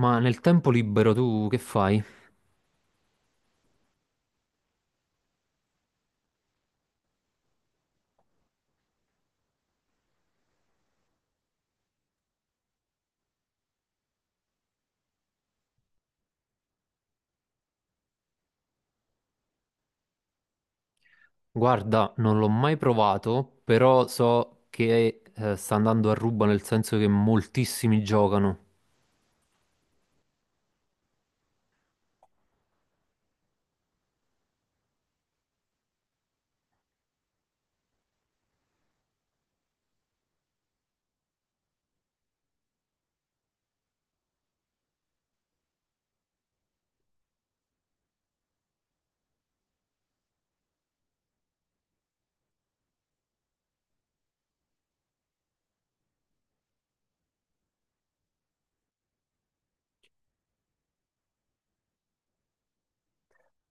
Ma nel tempo libero tu che fai? Guarda, non l'ho mai provato, però so che sta andando a ruba, nel senso che moltissimi giocano.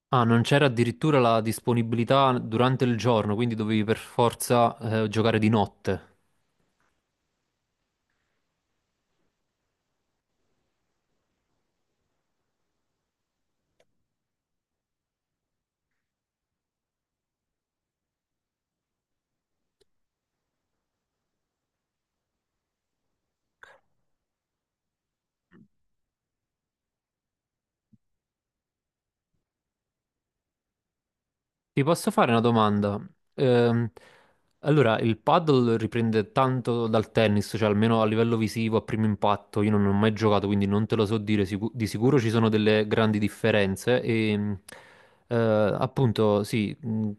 Ah, non c'era addirittura la disponibilità durante il giorno, quindi dovevi per forza giocare di notte. Ti posso fare una domanda? Ehm, allora, il paddle riprende tanto dal tennis, cioè almeno a livello visivo, a primo impatto. Io non ho mai giocato, quindi non te lo so dire. Di sicuro ci sono delle grandi differenze. Eh, Appunto, sì,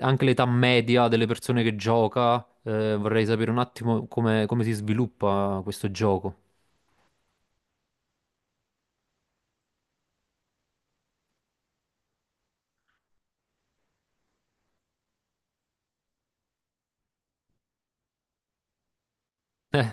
anche l'età media delle persone che gioca, vorrei sapere un attimo come, come si sviluppa questo gioco.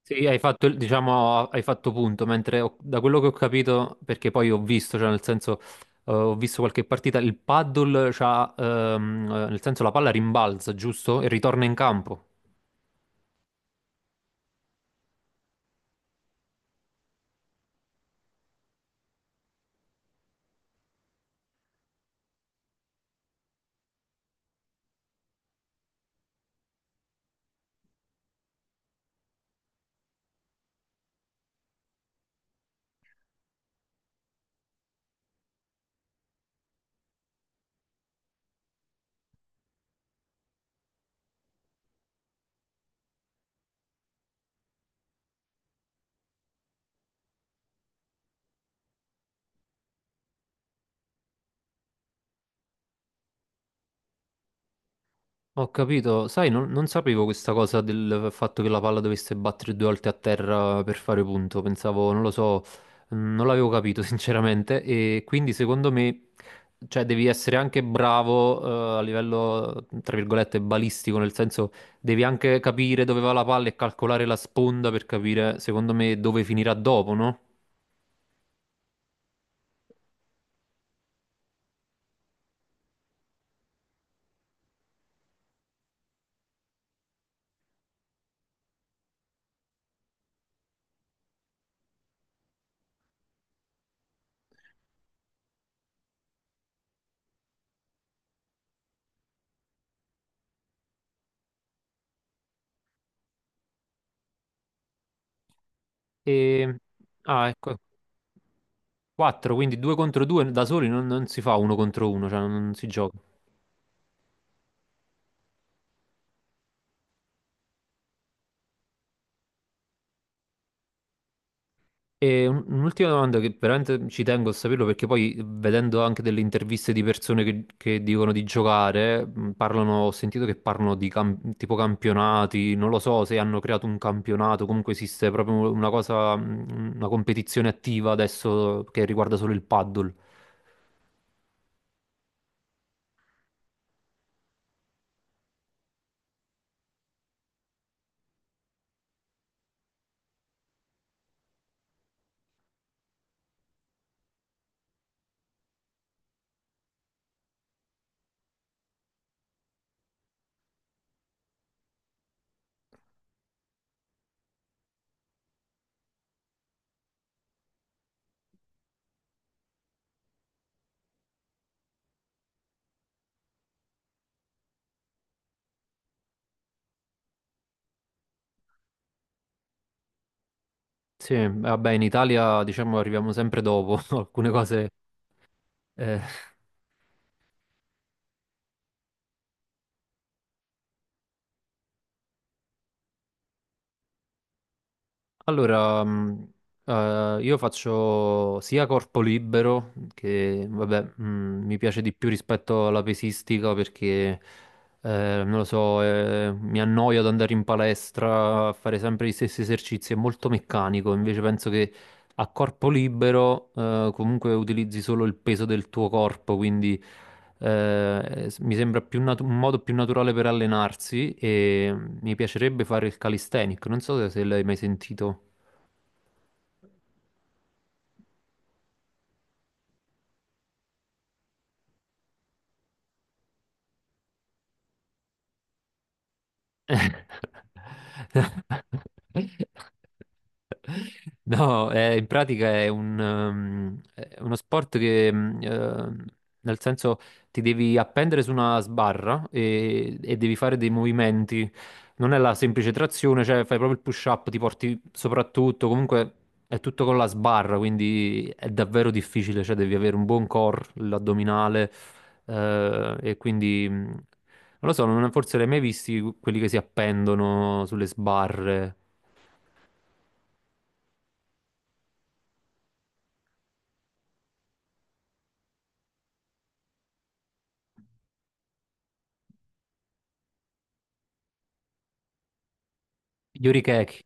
Sì, hai fatto, diciamo, hai fatto punto, mentre da quello che ho capito, perché poi ho visto, cioè nel senso, ho visto qualche partita, il paddle c'ha, nel senso la palla rimbalza, giusto? E ritorna in campo. Ho capito, sai, non sapevo questa cosa del fatto che la palla dovesse battere due volte a terra per fare punto, pensavo, non lo so, non l'avevo capito sinceramente, e quindi secondo me, cioè, devi essere anche bravo a livello, tra virgolette, balistico, nel senso devi anche capire dove va la palla e calcolare la sponda per capire, secondo me, dove finirà dopo, no? E... Ah, ecco, 4, quindi 2 contro 2, da soli non si fa uno contro uno, cioè non si gioca. E un'ultima domanda, che veramente ci tengo a saperlo, perché poi vedendo anche delle interviste di persone che dicono di giocare, parlano, ho sentito che parlano di tipo campionati, non lo so se hanno creato un campionato. Comunque esiste proprio una cosa, una competizione attiva adesso che riguarda solo il paddle. Sì, vabbè, in Italia diciamo arriviamo sempre dopo alcune cose. Eh. Allora, io faccio sia corpo libero, che vabbè, mi piace di più rispetto alla pesistica, perché, non lo so, mi annoio ad andare in palestra a fare sempre gli stessi esercizi, è molto meccanico, invece penso che a corpo libero, comunque utilizzi solo il peso del tuo corpo, quindi, mi sembra più un modo più naturale per allenarsi, e mi piacerebbe fare il calisthenic, non so se se l'hai mai sentito. No, in pratica è un, è uno sport che, nel senso, ti devi appendere su una sbarra e devi fare dei movimenti. Non è la semplice trazione, cioè fai proprio il push-up, ti porti soprattutto, comunque è tutto con la sbarra, quindi è davvero difficile, cioè devi avere un buon core, l'addominale, e quindi... non lo so, forse li hai mai visti quelli che si appendono sulle sbarre. Gli orikeki.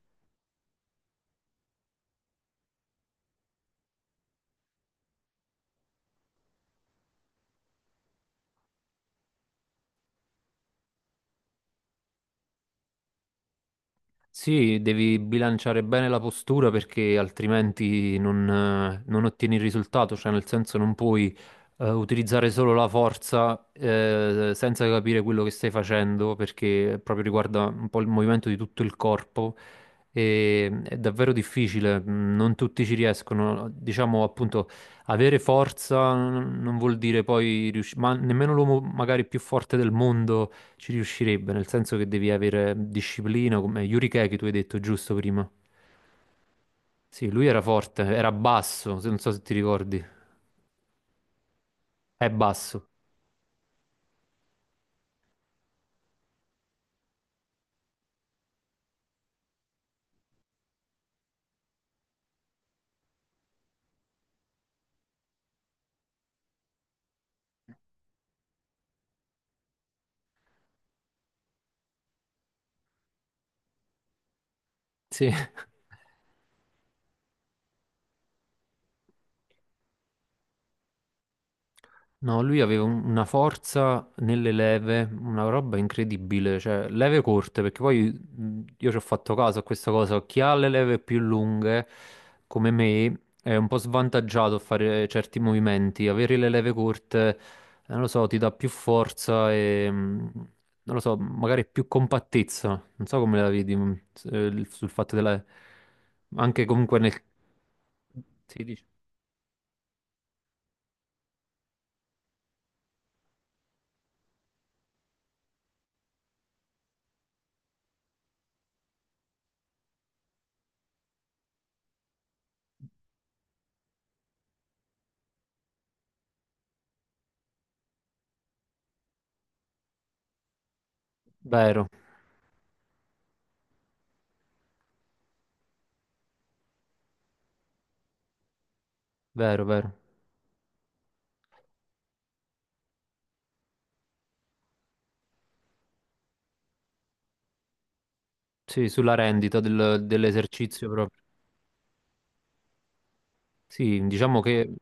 Sì, devi bilanciare bene la postura perché altrimenti non ottieni il risultato, cioè nel senso non puoi utilizzare solo la forza senza capire quello che stai facendo, perché proprio riguarda un po' il movimento di tutto il corpo, e è davvero difficile, non tutti ci riescono. Diciamo appunto, avere forza non vuol dire poi riuscire, ma nemmeno l'uomo magari più forte del mondo ci riuscirebbe, nel senso che devi avere disciplina, come Yuri Keke tu hai detto giusto prima. Sì, lui era forte, era basso, se non so se ti ricordi. È basso. Sì. No, lui aveva una forza nelle leve, una roba incredibile, cioè leve corte, perché poi io ci ho fatto caso a questa cosa, chi ha le leve più lunghe, come me, è un po' svantaggiato a fare certi movimenti, avere le leve corte, non lo so, ti dà più forza e, non lo so, magari più compattezza, non so come la vedi, sul fatto della... anche comunque nel... Sì, vero, vero, vero. Sì, sulla rendita dell'esercizio proprio. Sì, diciamo che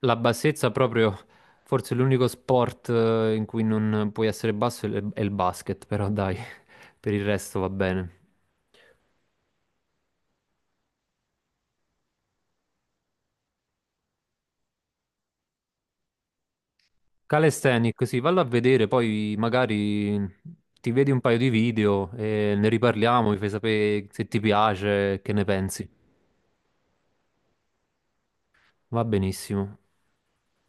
la bassezza proprio, forse l'unico sport in cui non puoi essere basso è il basket, però dai, per il resto va bene. Calisthenics, sì, vallo a vedere, poi magari ti vedi un paio di video e ne riparliamo, mi fai sapere se ti piace, che ne pensi. Va benissimo.